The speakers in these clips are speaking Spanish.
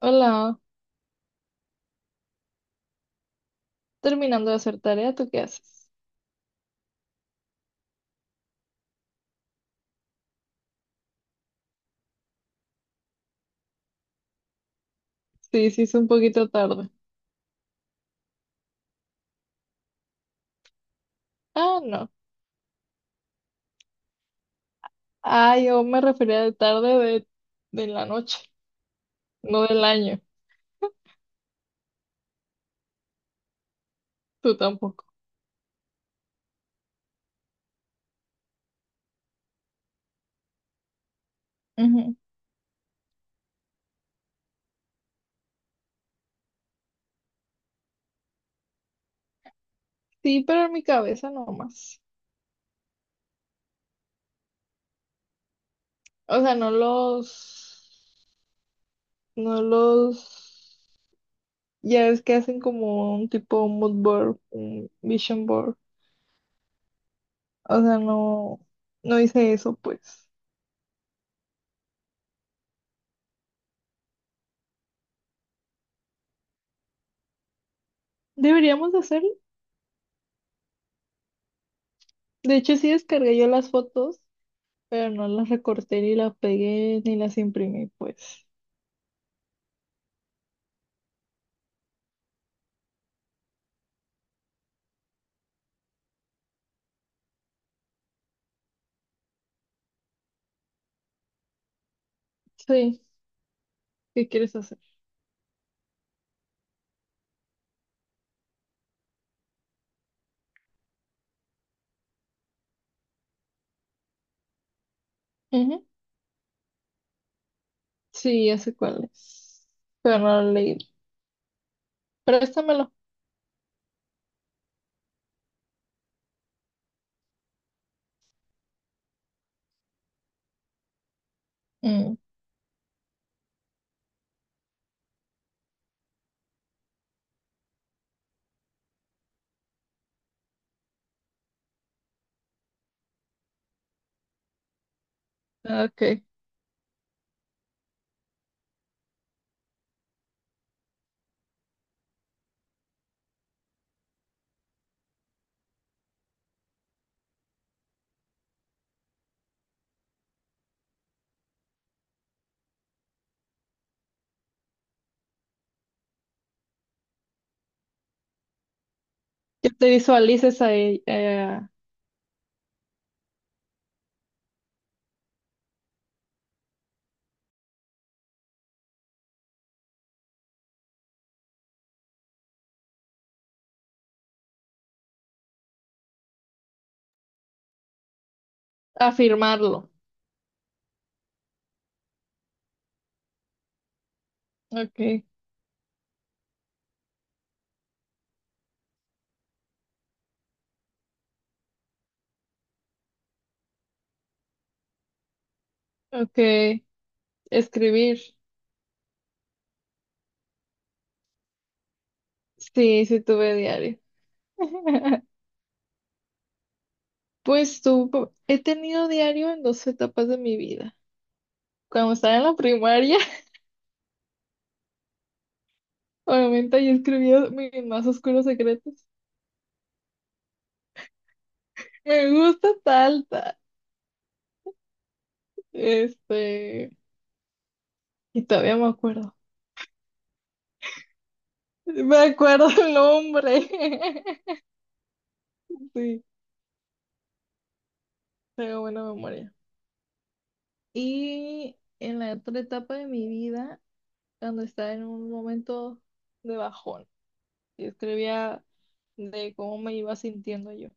Hola, terminando de hacer tarea, ¿tú qué haces? Sí, sí, es un poquito tarde. Ah, no. Ah, yo me refería de tarde de la noche, no del año. Tú tampoco. Ujú. Sí, pero en mi cabeza no más. O sea, no los, ya es que hacen como un tipo mood board, un vision board. O sea, no hice eso, pues. Deberíamos de hacerlo. De hecho, sí descargué yo las fotos pero no las recorté ni las pegué ni las imprimí, pues. Sí, ¿qué quieres hacer? Ujú. Sí, ya sé cuál es, pero no lo leí. Préstamelo. Mm, ok. Que te visualices a, a firmarlo. Ok, ok. Escribir. Sí, sí tuve diario. Pues tú, he tenido diario en dos etapas de mi vida. Cuando estaba en la primaria, obviamente yo escribía mis más oscuros secretos. Me gusta tal, tal. Este, y todavía me acuerdo. Me acuerdo el nombre. Sí, tengo buena memoria. Y en la otra etapa de mi vida, cuando estaba en un momento de bajón, y escribía de cómo me iba sintiendo yo.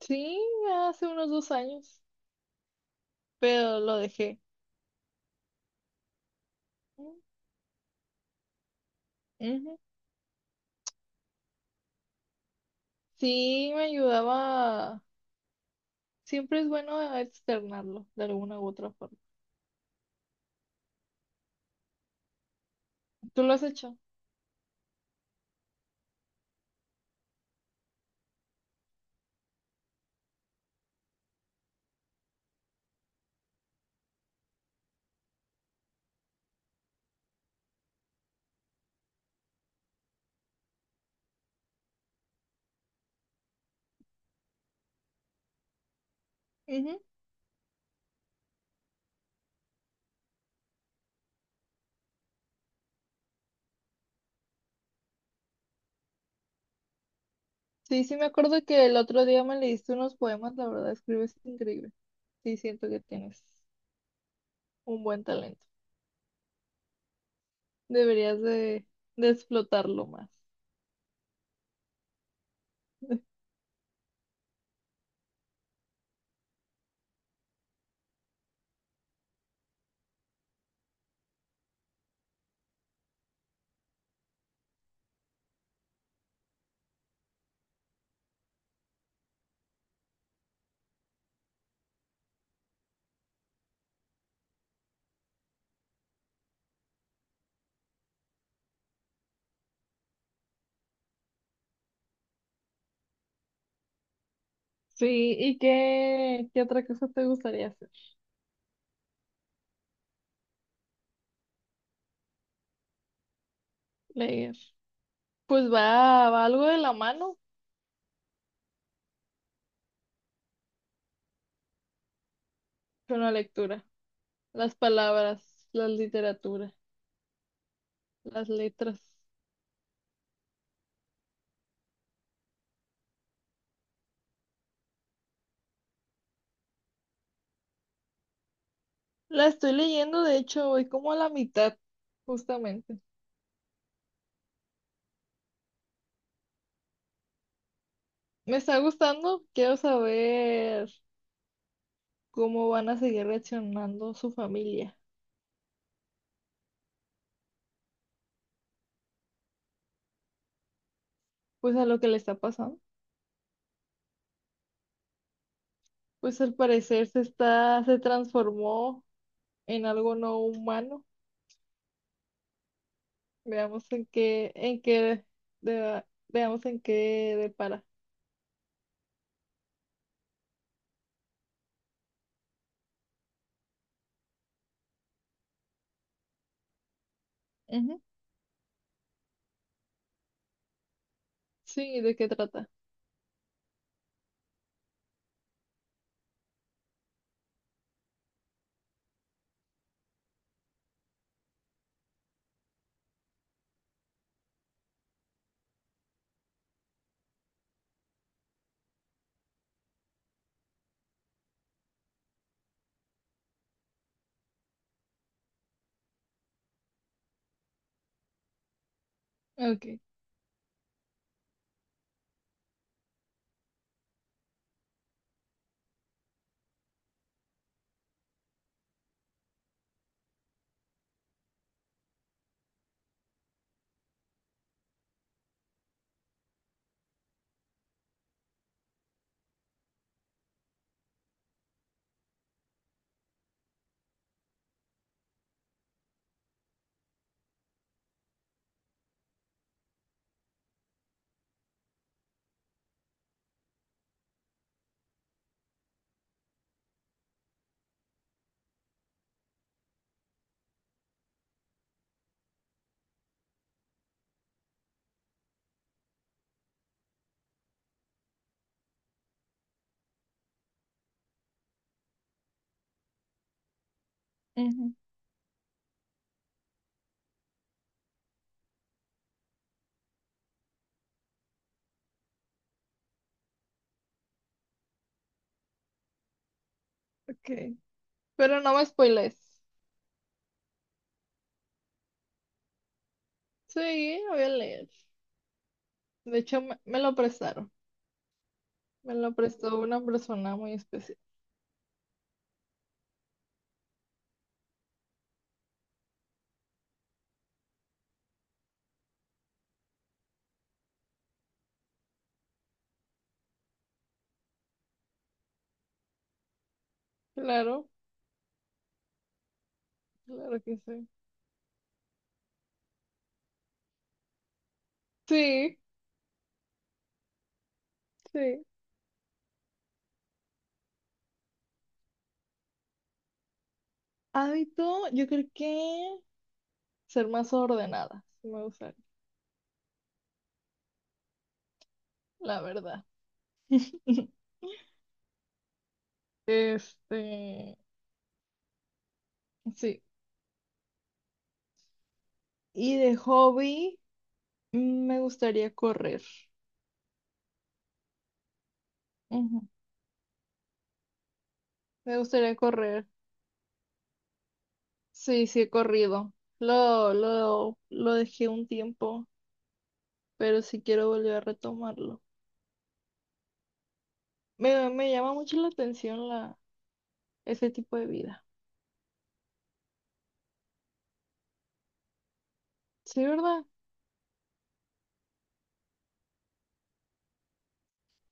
Sí, hace unos 2 años, pero lo dejé. Ujú. Sí, me ayudaba. Siempre es bueno externarlo de alguna u otra forma. ¿Tú lo has hecho? Sí, sí, me acuerdo que el otro día me leíste unos poemas, la verdad, escribes increíble. Sí, siento que tienes un buen talento. Deberías de explotarlo más. Sí, ¿y qué otra cosa te gustaría hacer? Leer. Pues va algo de la mano con la lectura, las palabras, la literatura, las letras. La estoy leyendo, de hecho, voy como a la mitad, justamente. Me está gustando, quiero saber, ¿cómo van a seguir reaccionando su familia? Pues a lo que le está pasando. Pues al parecer se está, se transformó en algo no humano. Veamos en qué, de- veamos en qué depara. Ujú. Sí, ¿de qué trata? Ok. Ujú. Ok. Pero no me spoiles. Sí, lo voy a leer. De hecho, me lo prestaron. Me lo prestó una persona muy especial. Claro, claro que sí. Sí, sí. Hábito, yo creo que ser más ordenadas, me gustaría, la verdad. Este, sí. Y de hobby, me gustaría correr. Ujú, me gustaría correr. Sí, sí he corrido. Lo dejé un tiempo, pero sí quiero volver a retomarlo. Me llama mucho la atención la, ese tipo de vida. Sí, ¿verdad?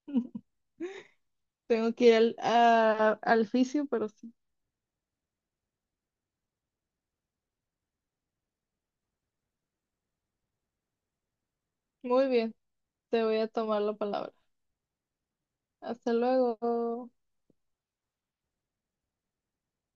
Tengo que ir al, al fisio, pero sí. Muy bien, te voy a tomar la palabra. Hasta luego.